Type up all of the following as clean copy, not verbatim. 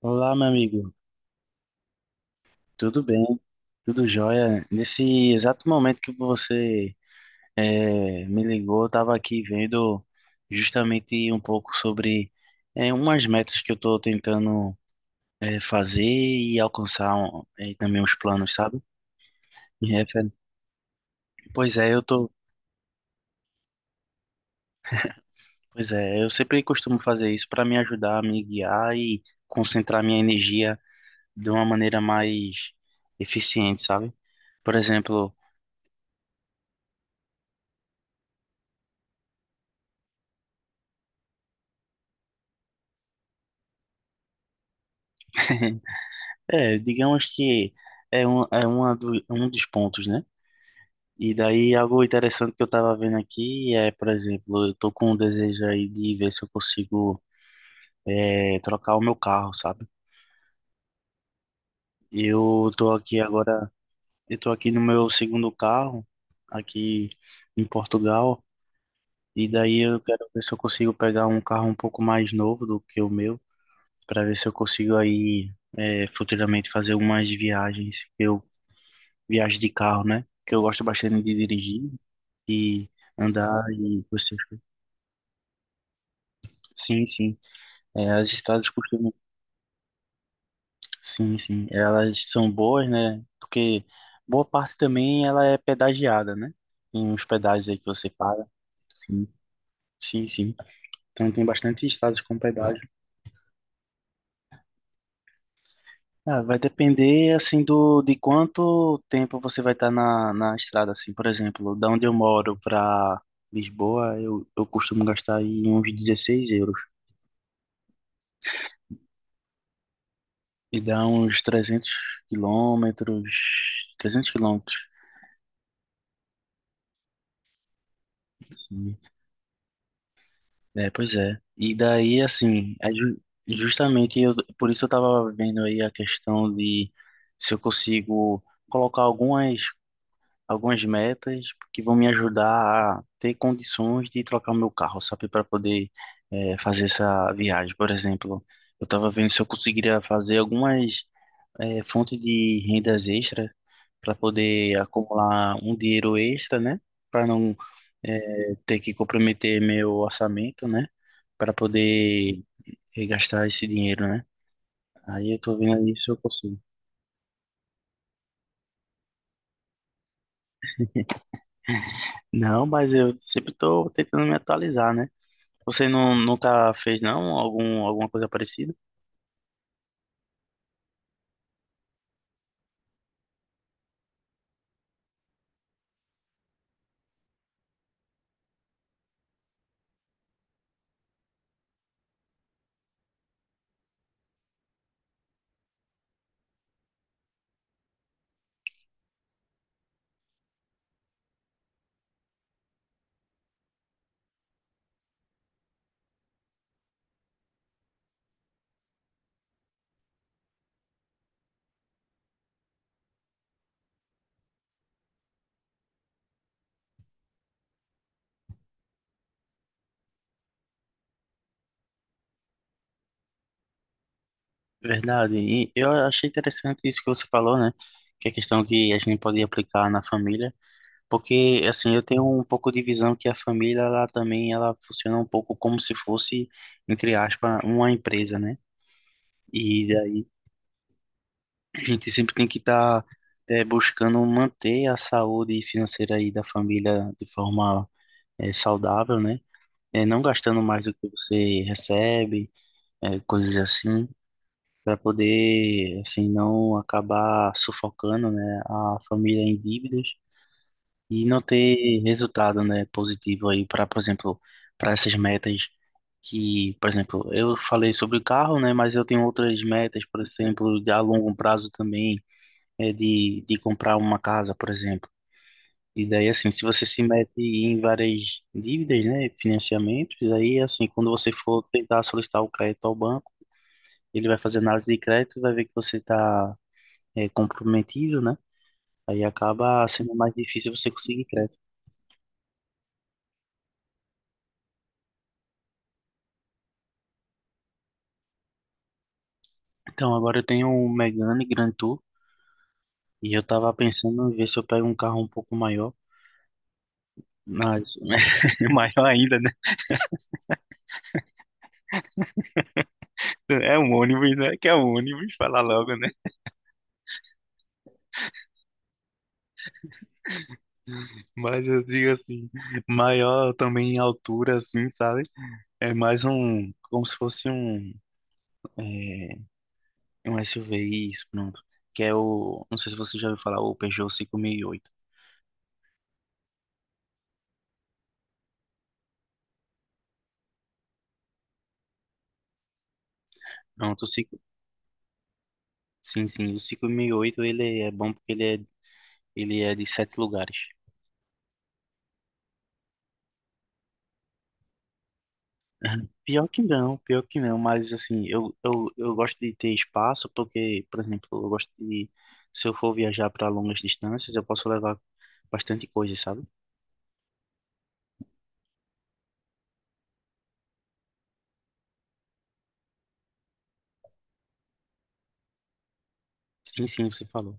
Olá, meu amigo. Tudo bem? Tudo jóia? Nesse exato momento que você me ligou, eu estava aqui vendo justamente um pouco sobre umas metas que eu estou tentando fazer e alcançar e também os planos, sabe? E refer- Pois é, eu tô, pois é, eu sempre costumo fazer isso para me ajudar a me guiar e concentrar minha energia de uma maneira mais eficiente, sabe? Por exemplo, é, digamos que é é um dos pontos, né? E daí algo interessante que eu tava vendo aqui é, por exemplo, eu tô com um desejo aí de ver se eu consigo trocar o meu carro, sabe? Eu tô aqui agora, eu tô aqui no meu segundo carro, aqui em Portugal, e daí eu quero ver se eu consigo pegar um carro um pouco mais novo do que o meu, para ver se eu consigo aí futuramente fazer umas viagens que eu viagem de carro, né? Que eu gosto bastante de dirigir e andar e você. Sim, sim. É, as estradas costumam. Sim, sim. Elas são boas, né? Porque boa parte também ela é pedagiada, né? Tem uns pedágios aí que você paga. Sim, sim, sim. Então tem bastante estradas com pedágio. Ah, vai depender assim do de quanto tempo você vai estar na, na estrada, assim, por exemplo, da onde eu moro para Lisboa, eu costumo gastar aí uns 16 euros. E dá uns 300 quilômetros, 300 quilômetros. Sim. É, pois é. E daí, assim, justamente eu, por isso eu tava vendo aí a questão de se eu consigo colocar algumas, algumas metas que vão me ajudar a ter condições de trocar o meu carro, sabe, para poder fazer essa viagem. Por exemplo, eu tava vendo se eu conseguiria fazer algumas fonte de rendas extra para poder acumular um dinheiro extra, né? Para não ter que comprometer meu orçamento, né? Para poder gastar esse dinheiro, né? Aí eu tô vendo isso, eu consigo. Não, mas eu sempre tô tentando me atualizar, né? Você não, nunca fez, não, algum, alguma coisa parecida? Verdade. E eu achei interessante isso que você falou, né? Que é a questão que a gente pode aplicar na família. Porque, assim, eu tenho um pouco de visão que a família, ela também, ela funciona um pouco como se fosse, entre aspas, uma empresa, né? E daí a gente sempre tem que estar buscando manter a saúde financeira aí da família de forma saudável, né? Não gastando mais do que você recebe, coisas assim, para poder, assim, não acabar sufocando, né, a família em dívidas e não ter resultado, né, positivo aí para, por exemplo, para essas metas que, por exemplo, eu falei sobre o carro, né, mas eu tenho outras metas, por exemplo, de a longo prazo também, é de comprar uma casa, por exemplo. E daí, assim, se você se mete em várias dívidas, né, financiamentos, aí, assim, quando você for tentar solicitar o crédito ao banco, ele vai fazer análise de crédito, e vai ver que você está comprometido, né? Aí acaba sendo mais difícil você conseguir crédito. Então, agora eu tenho um Megane Grand Tour e eu tava pensando em ver se eu pego um carro um pouco maior, mas maior ainda, né? É um ônibus, né? Que é um ônibus, falar logo, né? Mas eu digo assim, maior também em altura, assim, sabe? É mais um, como se fosse um, é, um SUV, isso, pronto. Que é o, não sei se você já ouviu falar, o Peugeot 5008. Pronto, o 5, sim, sim, o 5008 ele é bom porque ele é de 7 lugares. Pior que não, mas assim, eu gosto de ter espaço porque, por exemplo, eu gosto de, se eu for viajar para longas distâncias, eu posso levar bastante coisa, sabe? Sim, sim, você falou.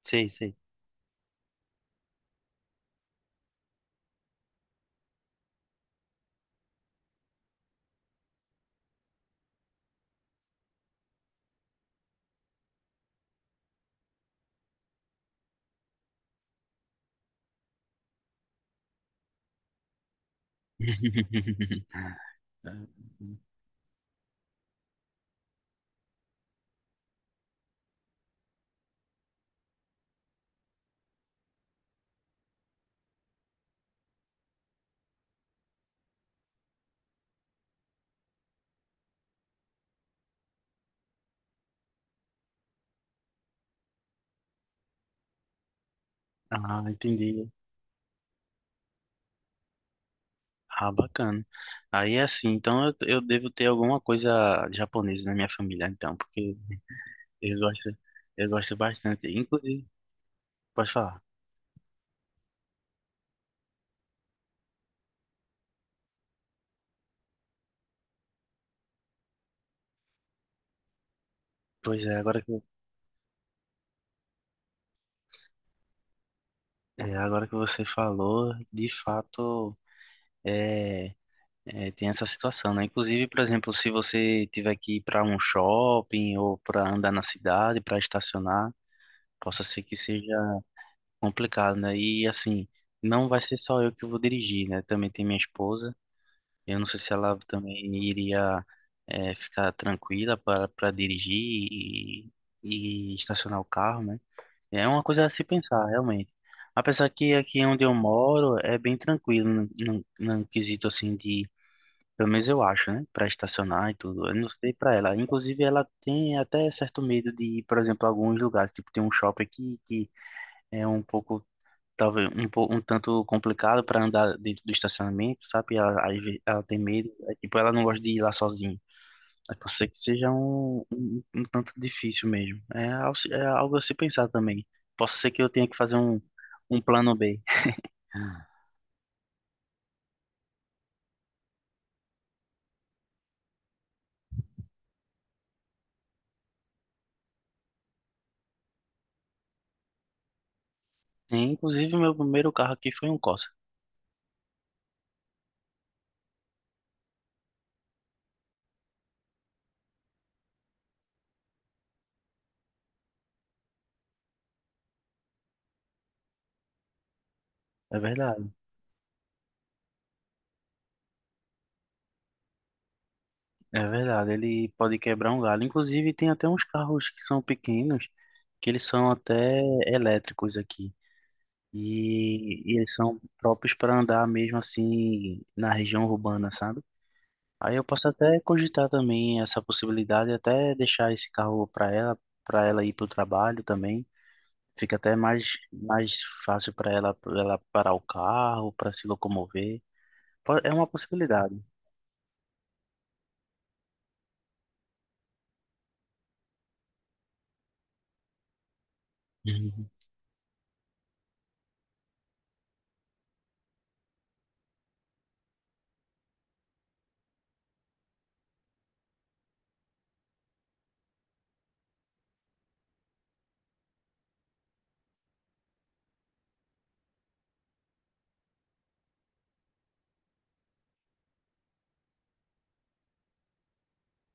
Sei, sei. Ah, entendi. Ah, bacana. Aí é assim, então eu devo ter alguma coisa japonesa na minha família, então, porque eu gosto, eu gosto bastante. Inclusive, pode falar. Pois é, agora que você falou, de fato, é é, tem essa situação, né? Inclusive, por exemplo, se você tiver que ir para um shopping ou para andar na cidade, para estacionar, possa ser que seja complicado, né? E assim, não vai ser só eu que vou dirigir, né? Também tem minha esposa. Eu não sei se ela também iria ficar tranquila para dirigir e, e estacionar o carro, né? É uma coisa a se pensar, realmente. Apesar que aqui onde eu moro é bem tranquilo, no quesito assim de pelo menos eu acho, né? Pra estacionar e tudo. Eu não sei pra ela. Inclusive, ela tem até certo medo de ir, por exemplo, a alguns lugares. Tipo, tem um shopping aqui que é um pouco, talvez, um tanto complicado pra andar dentro do estacionamento, sabe? Ela, ela tem medo. É, tipo, ela não gosta de ir lá sozinha. A não ser que seja um tanto difícil mesmo. É, ao é algo a se pensar também. Posso ser que eu tenha que fazer um plano B. Inclusive, meu primeiro carro aqui foi um Corsa. É verdade. É verdade, ele pode quebrar um galho. Inclusive, tem até uns carros que são pequenos, que eles são até elétricos aqui. E eles são próprios para andar mesmo assim na região urbana, sabe? Aí eu posso até cogitar também essa possibilidade, até deixar esse carro para ela ir para o trabalho também. Fica até mais, mais fácil para ela, pra ela parar o carro, para se locomover. É uma possibilidade. Uhum.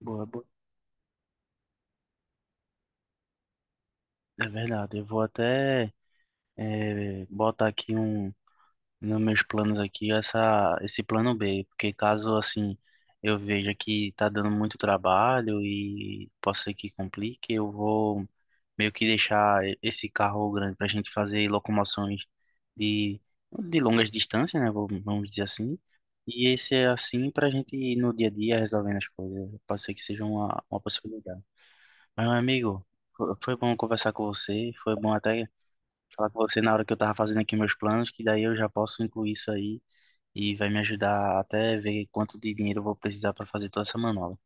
Boa, boa. É verdade, eu vou até botar aqui nos meus planos aqui essa esse plano B, porque caso assim eu veja que tá dando muito trabalho e possa ser que complique, eu vou meio que deixar esse carro grande para a gente fazer locomoções de de longas distâncias, né? Vamos dizer assim. E esse é assim para a gente ir no dia a dia resolvendo as coisas. Pode ser que seja uma possibilidade. Mas, meu amigo, foi bom conversar com você. Foi bom até falar com você na hora que eu tava fazendo aqui meus planos, que daí eu já posso incluir isso aí e vai me ajudar até ver quanto de dinheiro eu vou precisar para fazer toda essa manobra.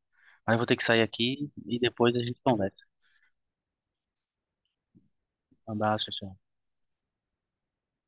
Mas eu vou ter que sair aqui e depois a gente conversa. Um abraço, tchau.